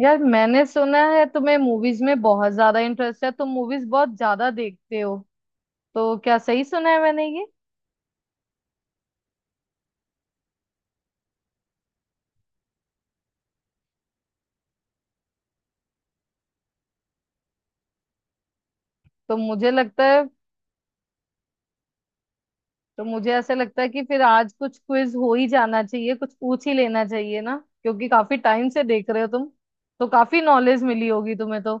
यार मैंने सुना है तुम्हें मूवीज में बहुत ज्यादा इंटरेस्ट है। तुम मूवीज बहुत ज्यादा देखते हो। तो क्या सही सुना है मैंने ये? तो मुझे लगता है तो मुझे ऐसे लगता है कि फिर आज कुछ क्विज हो ही जाना चाहिए, कुछ पूछ ही लेना चाहिए ना। क्योंकि काफी टाइम से देख रहे हो तुम, तो काफी नॉलेज मिली होगी तुम्हें तो।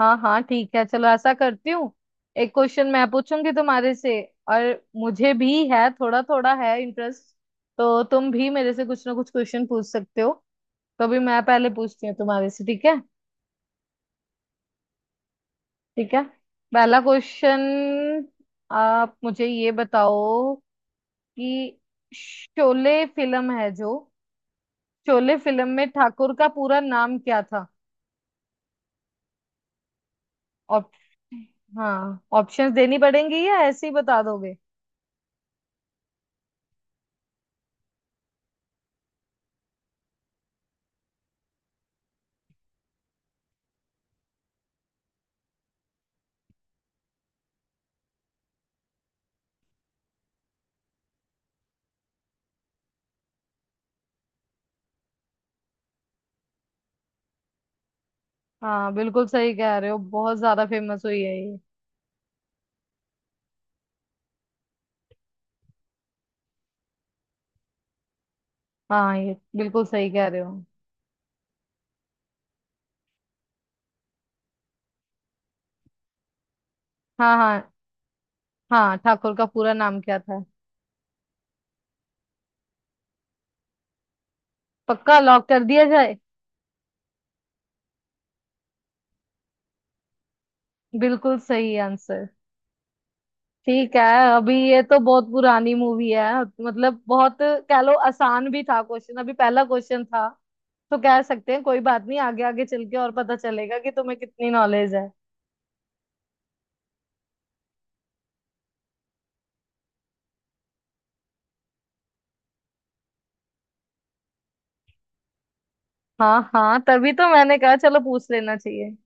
हाँ हाँ, ठीक है, चलो ऐसा करती हूँ। एक क्वेश्चन मैं पूछूंगी तुम्हारे से। और मुझे भी है, थोड़ा थोड़ा है इंटरेस्ट, तो तुम भी मेरे से कुछ ना कुछ क्वेश्चन पूछ सकते हो। तो अभी मैं पहले पूछती हूँ तुम्हारे से, ठीक है? ठीक है। पहला क्वेश्चन, आप मुझे ये बताओ कि शोले फिल्म है जो, शोले फिल्म में ठाकुर का पूरा नाम क्या था? ऑप हाँ, ऑप्शंस देनी पड़ेंगी या ऐसे ही बता दोगे? हाँ, बिल्कुल सही कह रहे हो, बहुत ज्यादा फेमस हुई है ये। हाँ, ये बिल्कुल सही कह रहे हो। हाँ हाँ। हाँ, ठाकुर का पूरा नाम क्या था? पक्का लॉक कर दिया जाए। बिल्कुल सही आंसर। ठीक है। अभी ये तो बहुत पुरानी मूवी है, मतलब बहुत कह लो, आसान भी था क्वेश्चन, अभी पहला क्वेश्चन था। तो कह सकते हैं कोई बात नहीं, आगे आगे चल के और पता चलेगा कि तुम्हें कितनी नॉलेज है। हाँ हाँ, तभी तो मैंने कहा चलो पूछ लेना चाहिए।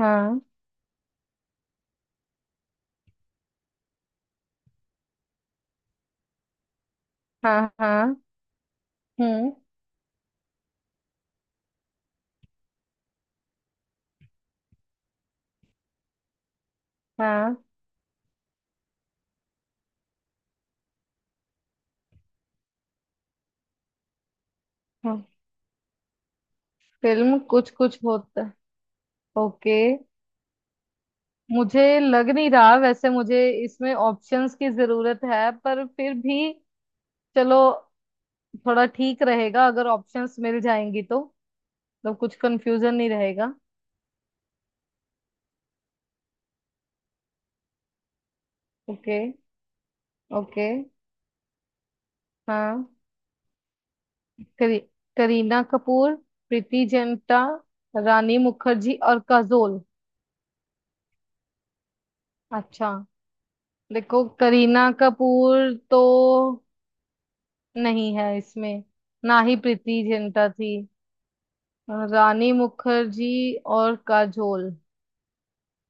हाँ हाँ हाँ। हम्म। हाँ हाँ। फिल्म कुछ कुछ होता है। ओके। मुझे लग नहीं रहा वैसे मुझे इसमें ऑप्शंस की जरूरत है, पर फिर भी चलो, थोड़ा ठीक रहेगा अगर ऑप्शंस मिल जाएंगी तो। मतलब कुछ कंफ्यूजन नहीं रहेगा। ओके। ओके। हाँ। करी, करीना कपूर, प्रीति जिंटा, रानी मुखर्जी और काजोल। अच्छा, देखो करीना कपूर तो नहीं है इसमें, ना ही प्रीति जिंटा थी। रानी मुखर्जी और काजोल,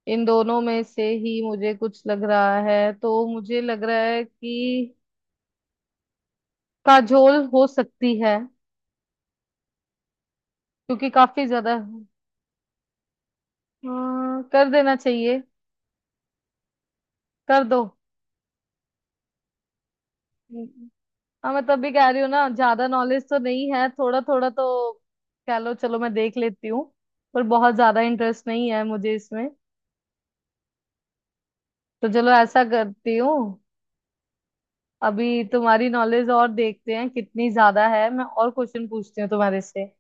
इन दोनों में से ही मुझे कुछ लग रहा है। तो मुझे लग रहा है कि काजोल हो सकती है। क्योंकि काफी ज्यादा। हाँ, कर देना चाहिए। कर दो। हम्म। हाँ, मैं तब भी कह रही हूँ ना, ज्यादा नॉलेज तो नहीं है, थोड़ा थोड़ा तो कह लो, चलो मैं देख लेती हूँ। पर बहुत ज्यादा इंटरेस्ट नहीं है मुझे इसमें। तो चलो ऐसा करती हूँ। अभी तुम्हारी नॉलेज और देखते हैं कितनी ज्यादा है, मैं और क्वेश्चन पूछती हूँ तुम्हारे से।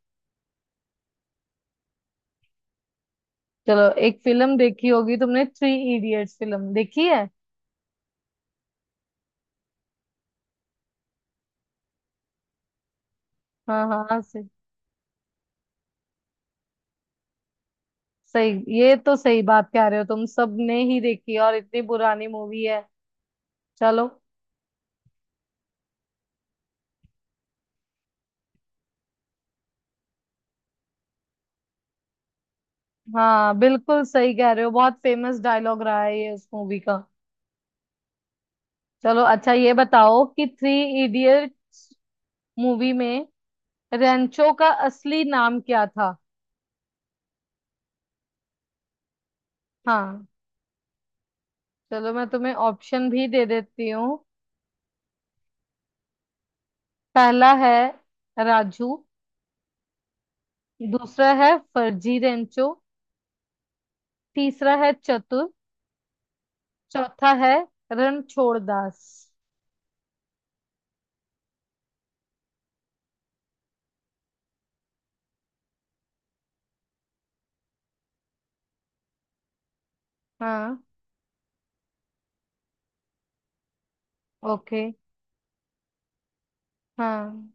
चलो, एक फिल्म देखी होगी तुमने, थ्री इडियट्स फिल्म देखी है? हाँ हाँ, सही। सही, ये तो सही बात कह रहे हो, तुम सबने ही देखी है और इतनी पुरानी मूवी है। चलो। हाँ, बिल्कुल सही कह रहे हो, बहुत फेमस डायलॉग रहा है ये उस मूवी का। चलो अच्छा, ये बताओ कि थ्री इडियट मूवी में रेंचो का असली नाम क्या था? हाँ, चलो मैं तुम्हें ऑप्शन भी दे देती हूँ। पहला है राजू। दूसरा है फर्जी रेंचो। तीसरा है चतुर। चौथा है रणछोड़ दास। हाँ। ओके। हाँ।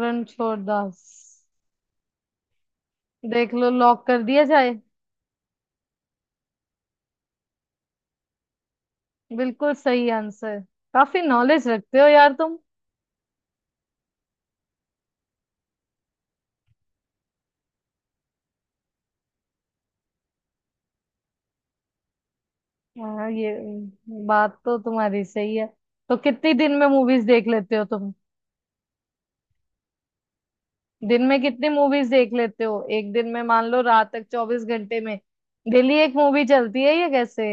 रणछोड़ दास। देख लो, लॉक कर दिया जाए। बिल्कुल सही आंसर, काफी नॉलेज रखते हो यार तुम। हाँ, ये बात तो तुम्हारी सही है। तो कितनी दिन में मूवीज देख लेते हो तुम? दिन में कितनी मूवीज देख लेते हो? एक दिन में मान लो, रात तक, 24 घंटे में डेली एक मूवी चलती है, ये कैसे?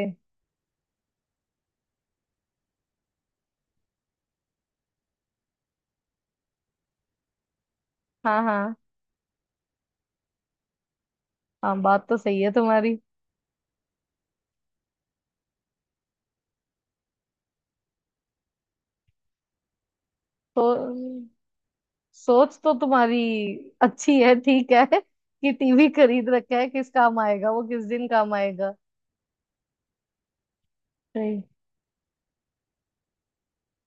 हाँ हाँ। हाँ, बात तो सही है तुम्हारी। तो सोच तो तुम्हारी अच्छी है, ठीक है कि टीवी खरीद रखा है, किस काम आएगा वो, किस दिन काम आएगा। सही।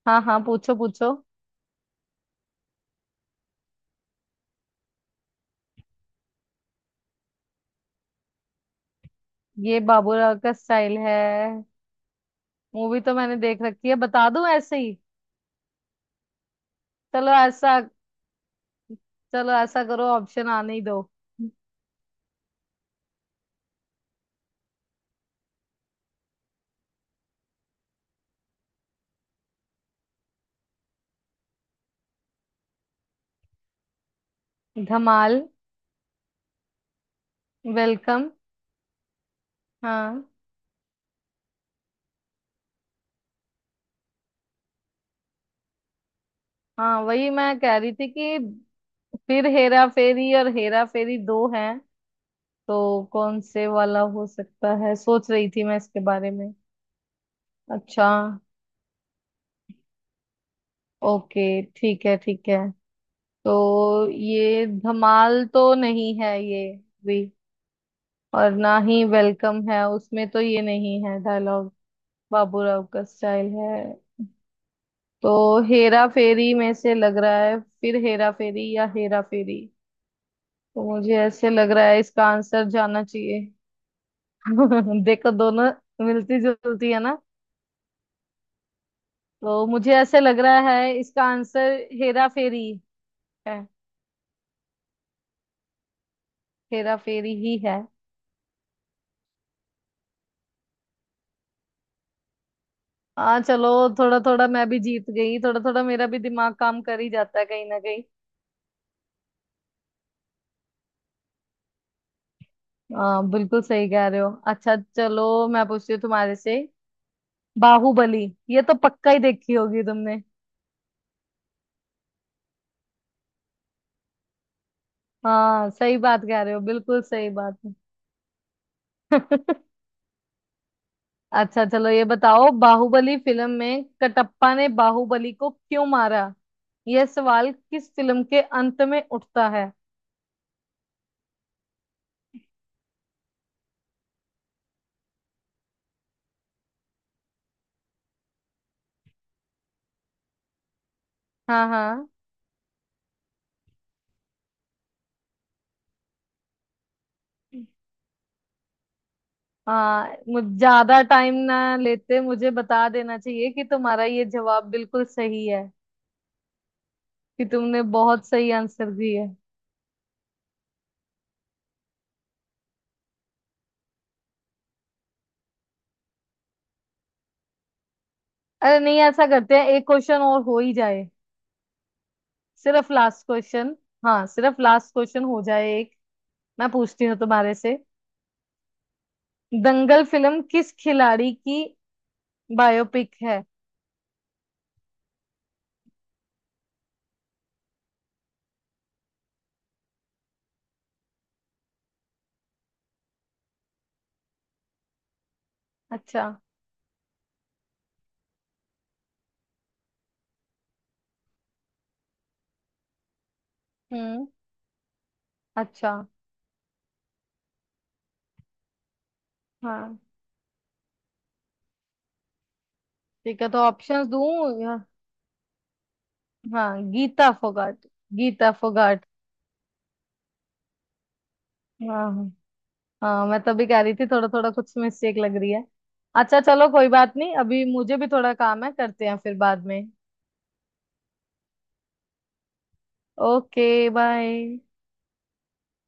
हाँ हाँ, पूछो पूछो। ये बाबूराव का स्टाइल है। मूवी तो मैंने देख रखी है, बता दूं ऐसे ही। चलो ऐसा चलो ऐसा करो, ऑप्शन आने ही दो। धमाल, वेलकम। हाँ हाँ, वही मैं कह रही थी कि फिर हेरा फेरी और हेरा फेरी दो हैं, तो कौन से वाला हो सकता है सोच रही थी मैं इसके बारे में। अच्छा। ओके। ठीक है, ठीक है। तो ये धमाल तो नहीं है, ये भी, और ना ही वेलकम है, उसमें तो ये नहीं है डायलॉग, बाबूराव का स्टाइल है। तो हेरा फेरी में से लग रहा है, फिर हेरा फेरी या हेरा फेरी। तो मुझे ऐसे लग रहा है इसका आंसर जाना चाहिए। देखो दोनों मिलती जुलती है ना। तो मुझे ऐसे लग रहा है इसका आंसर हेरा फेरी है। हेरा फेरी ही है। हाँ चलो, थोड़ा थोड़ा मैं भी जीत गई, थोड़ा थोड़ा मेरा भी दिमाग काम कर ही जाता है कहीं ना। बिल्कुल सही कह रहे हो। अच्छा चलो, मैं पूछती हूँ तुम्हारे से। बाहुबली, ये तो पक्का ही देखी होगी तुमने। हाँ, सही बात कह रहे हो, बिल्कुल सही बात है। अच्छा चलो ये बताओ, बाहुबली फिल्म में कटप्पा ने बाहुबली को क्यों मारा, यह सवाल किस फिल्म के अंत में उठता है? हाँ हाँ। हाँ, मुझ ज्यादा टाइम ना लेते मुझे बता देना चाहिए कि तुम्हारा ये जवाब बिल्कुल सही है, कि तुमने बहुत सही आंसर दिया। अरे नहीं, ऐसा करते हैं एक क्वेश्चन और हो ही जाए। सिर्फ लास्ट क्वेश्चन। हाँ, सिर्फ लास्ट क्वेश्चन हो जाए, एक मैं पूछती हूँ तुम्हारे से। दंगल फिल्म किस खिलाड़ी की बायोपिक है? अच्छा। हम्म। अच्छा। हाँ ठीक है, तो ऑप्शंस दूँ या- हाँ, गीता फोगाट, गीता फोगाट। हाँ हाँ। हाँ, मैं तभी कह रही थी थोड़ा थोड़ा कुछ मिस्टेक लग रही है। अच्छा चलो कोई बात नहीं, अभी मुझे भी थोड़ा काम है, करते हैं फिर बाद में। ओके। बाय।